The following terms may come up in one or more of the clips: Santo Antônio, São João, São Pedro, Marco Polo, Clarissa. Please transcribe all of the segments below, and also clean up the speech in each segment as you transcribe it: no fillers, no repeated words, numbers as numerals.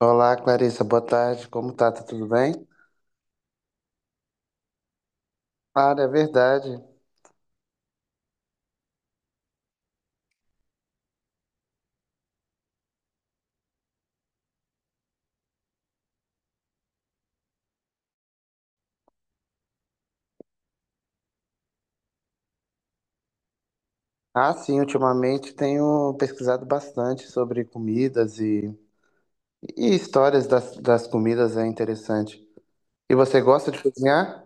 Olá, Clarissa, boa tarde. Como tá? Tá tudo bem? Cara, é verdade. Ah, sim, ultimamente tenho pesquisado bastante sobre comidas e, histórias das comidas, é interessante. E você gosta de cozinhar?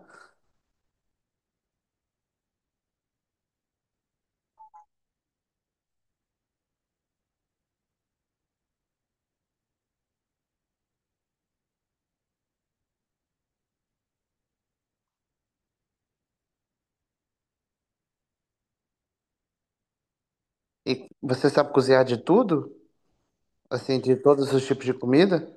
E você sabe cozinhar de tudo? Assim, de todos os tipos de comida?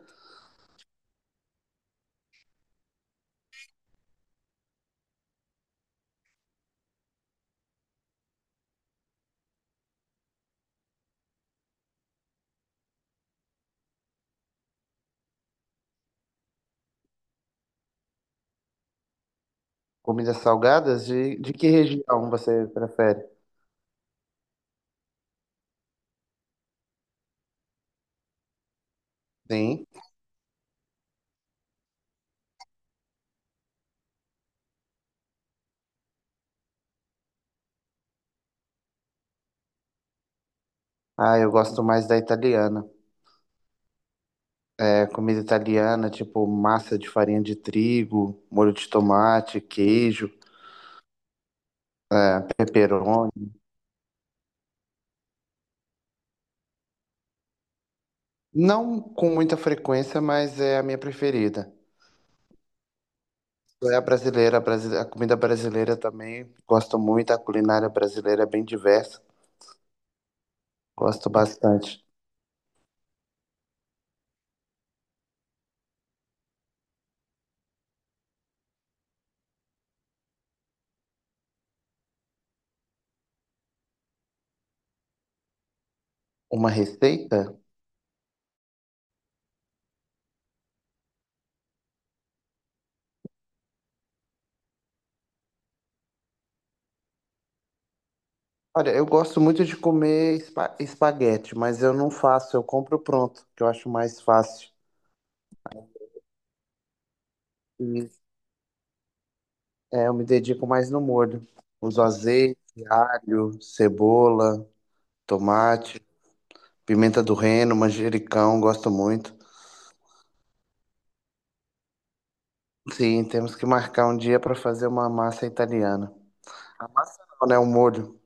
Comidas salgadas? De que região você prefere? Sim. Ah, eu gosto mais da italiana. É, comida italiana, tipo massa de farinha de trigo, molho de tomate, queijo. Pepperoni. Não com muita frequência, mas é a minha preferida. É a brasileira, a comida brasileira também. Gosto muito, a culinária brasileira é bem diversa. Gosto bastante. Uma receita? Olha, eu gosto muito de comer espaguete, mas eu não faço, eu compro pronto, que eu acho mais fácil. E é, eu me dedico mais no molho. Uso azeite, alho, cebola, tomate, pimenta do reino, manjericão, gosto muito. Sim, temos que marcar um dia para fazer uma massa italiana. A massa não, né? O molho.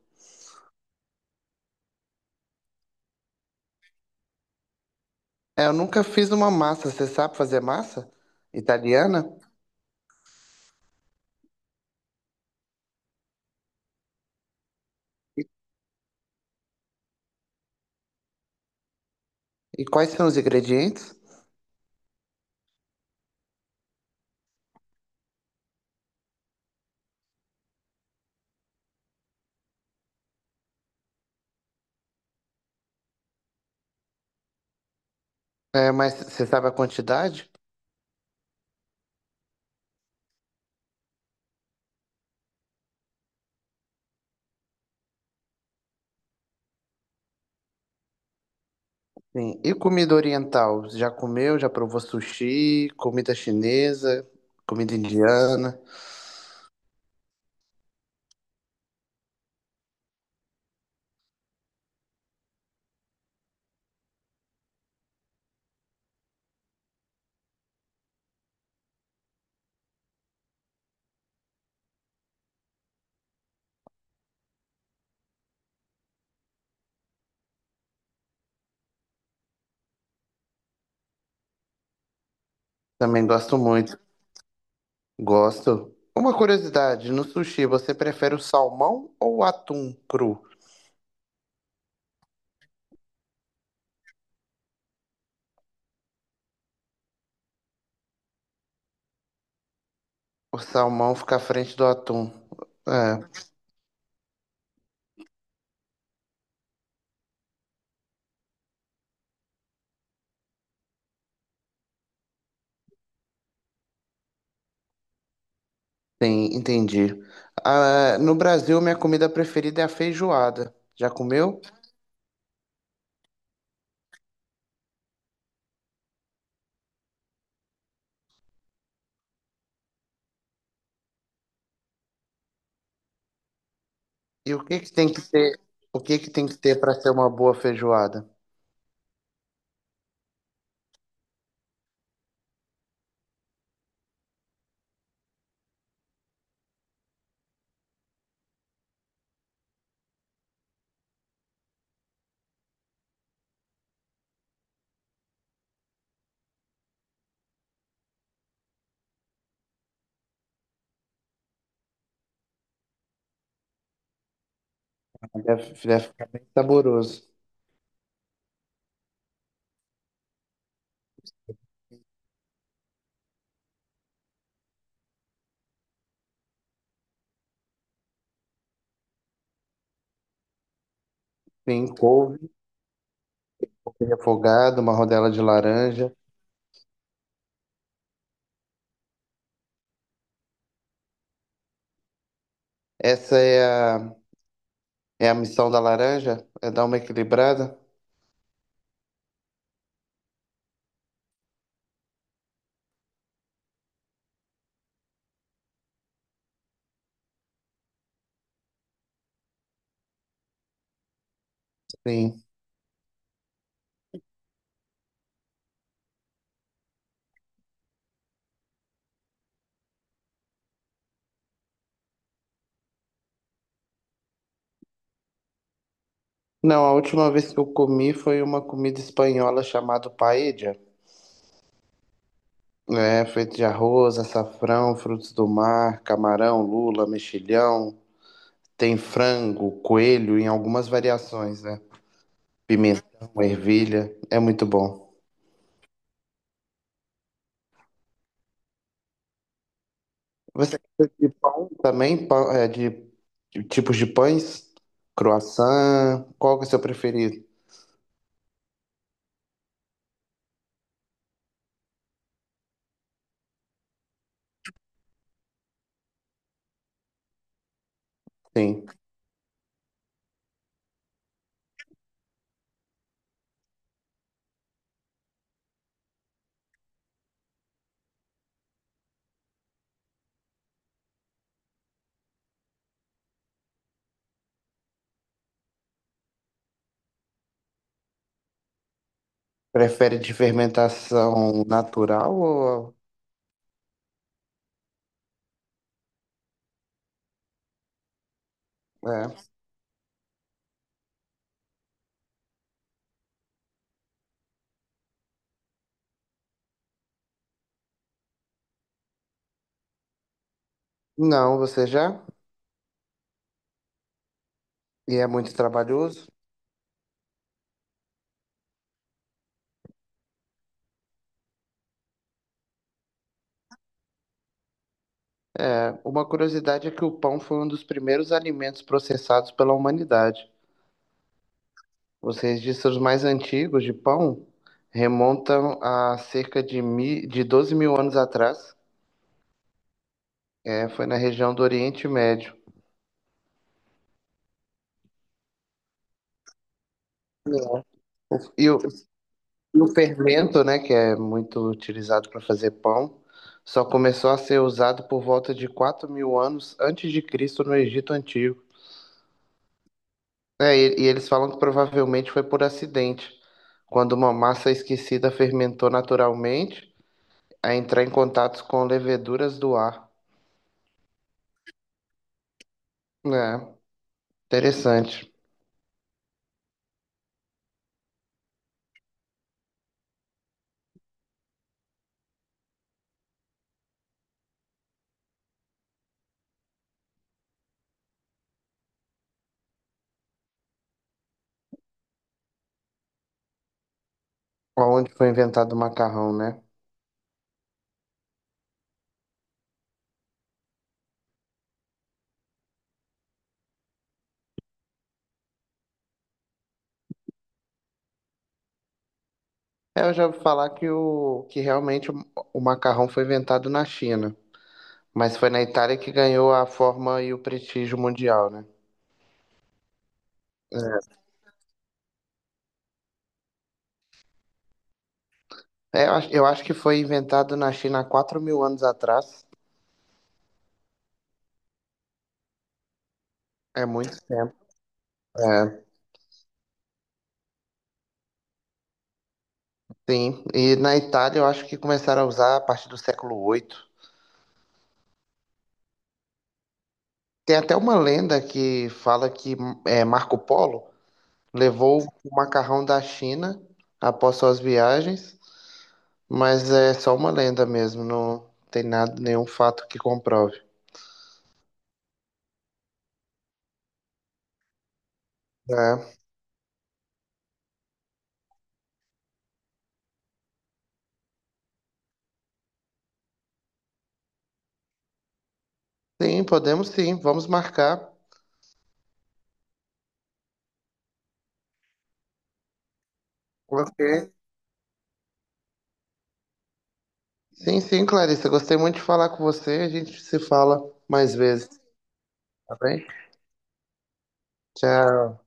É, eu nunca fiz uma massa. Você sabe fazer massa italiana? E quais são os ingredientes? É, mas você sabe a quantidade? Sim. E comida oriental? Já comeu? Já provou sushi? Comida chinesa? Comida indiana? Também gosto muito. Gosto. Uma curiosidade, no sushi você prefere o salmão ou o atum cru? O salmão fica à frente do atum. É. Sim, entendi. Ah, no Brasil, minha comida preferida é a feijoada. Já comeu? E o que que tem que ter, o que que tem que ter para ser uma boa feijoada? Deve, deve ficar bem saboroso. Tem couve, couve refogada, uma rodela de laranja. Essa é a, é a missão da laranja? É dar uma equilibrada? Sim. Não, a última vez que eu comi foi uma comida espanhola chamada paella. É, feito de arroz, açafrão, frutos do mar, camarão, lula, mexilhão. Tem frango, coelho em algumas variações, né? Pimentão, ervilha. É muito bom. Você gosta de pão também? Pão, é, de tipos de pães? Croissant? Qual que é o seu preferido? Sim. Prefere de fermentação natural ou... É. Não, você já? E é muito trabalhoso? É. Uma curiosidade é que o pão foi um dos primeiros alimentos processados pela humanidade. Os registros mais antigos de pão remontam a cerca de 12 mil anos atrás, é, foi na região do Oriente Médio. E o, e o fermento, né, que é muito utilizado para fazer pão, só começou a ser usado por volta de 4 mil anos antes de Cristo no Egito Antigo. É, e eles falam que provavelmente foi por acidente, quando uma massa esquecida fermentou naturalmente a entrar em contato com leveduras do ar. É, interessante. Onde foi inventado o macarrão, né? É, eu já ouvi falar que realmente o macarrão foi inventado na China, mas foi na Itália que ganhou a forma e o prestígio mundial, né? É, eu acho que foi inventado na China há 4 mil anos atrás. É muito tempo. É, sim. E na Itália eu acho que começaram a usar a partir do século oito. Tem até uma lenda que fala Marco Polo levou o macarrão da China após suas viagens. Mas é só uma lenda mesmo, não tem nada, nenhum fato que comprove. É. Sim, podemos sim, vamos marcar. Ok. Sim, sim, Clarissa, gostei muito de falar com você. A gente se fala mais vezes, tá bem? Tchau.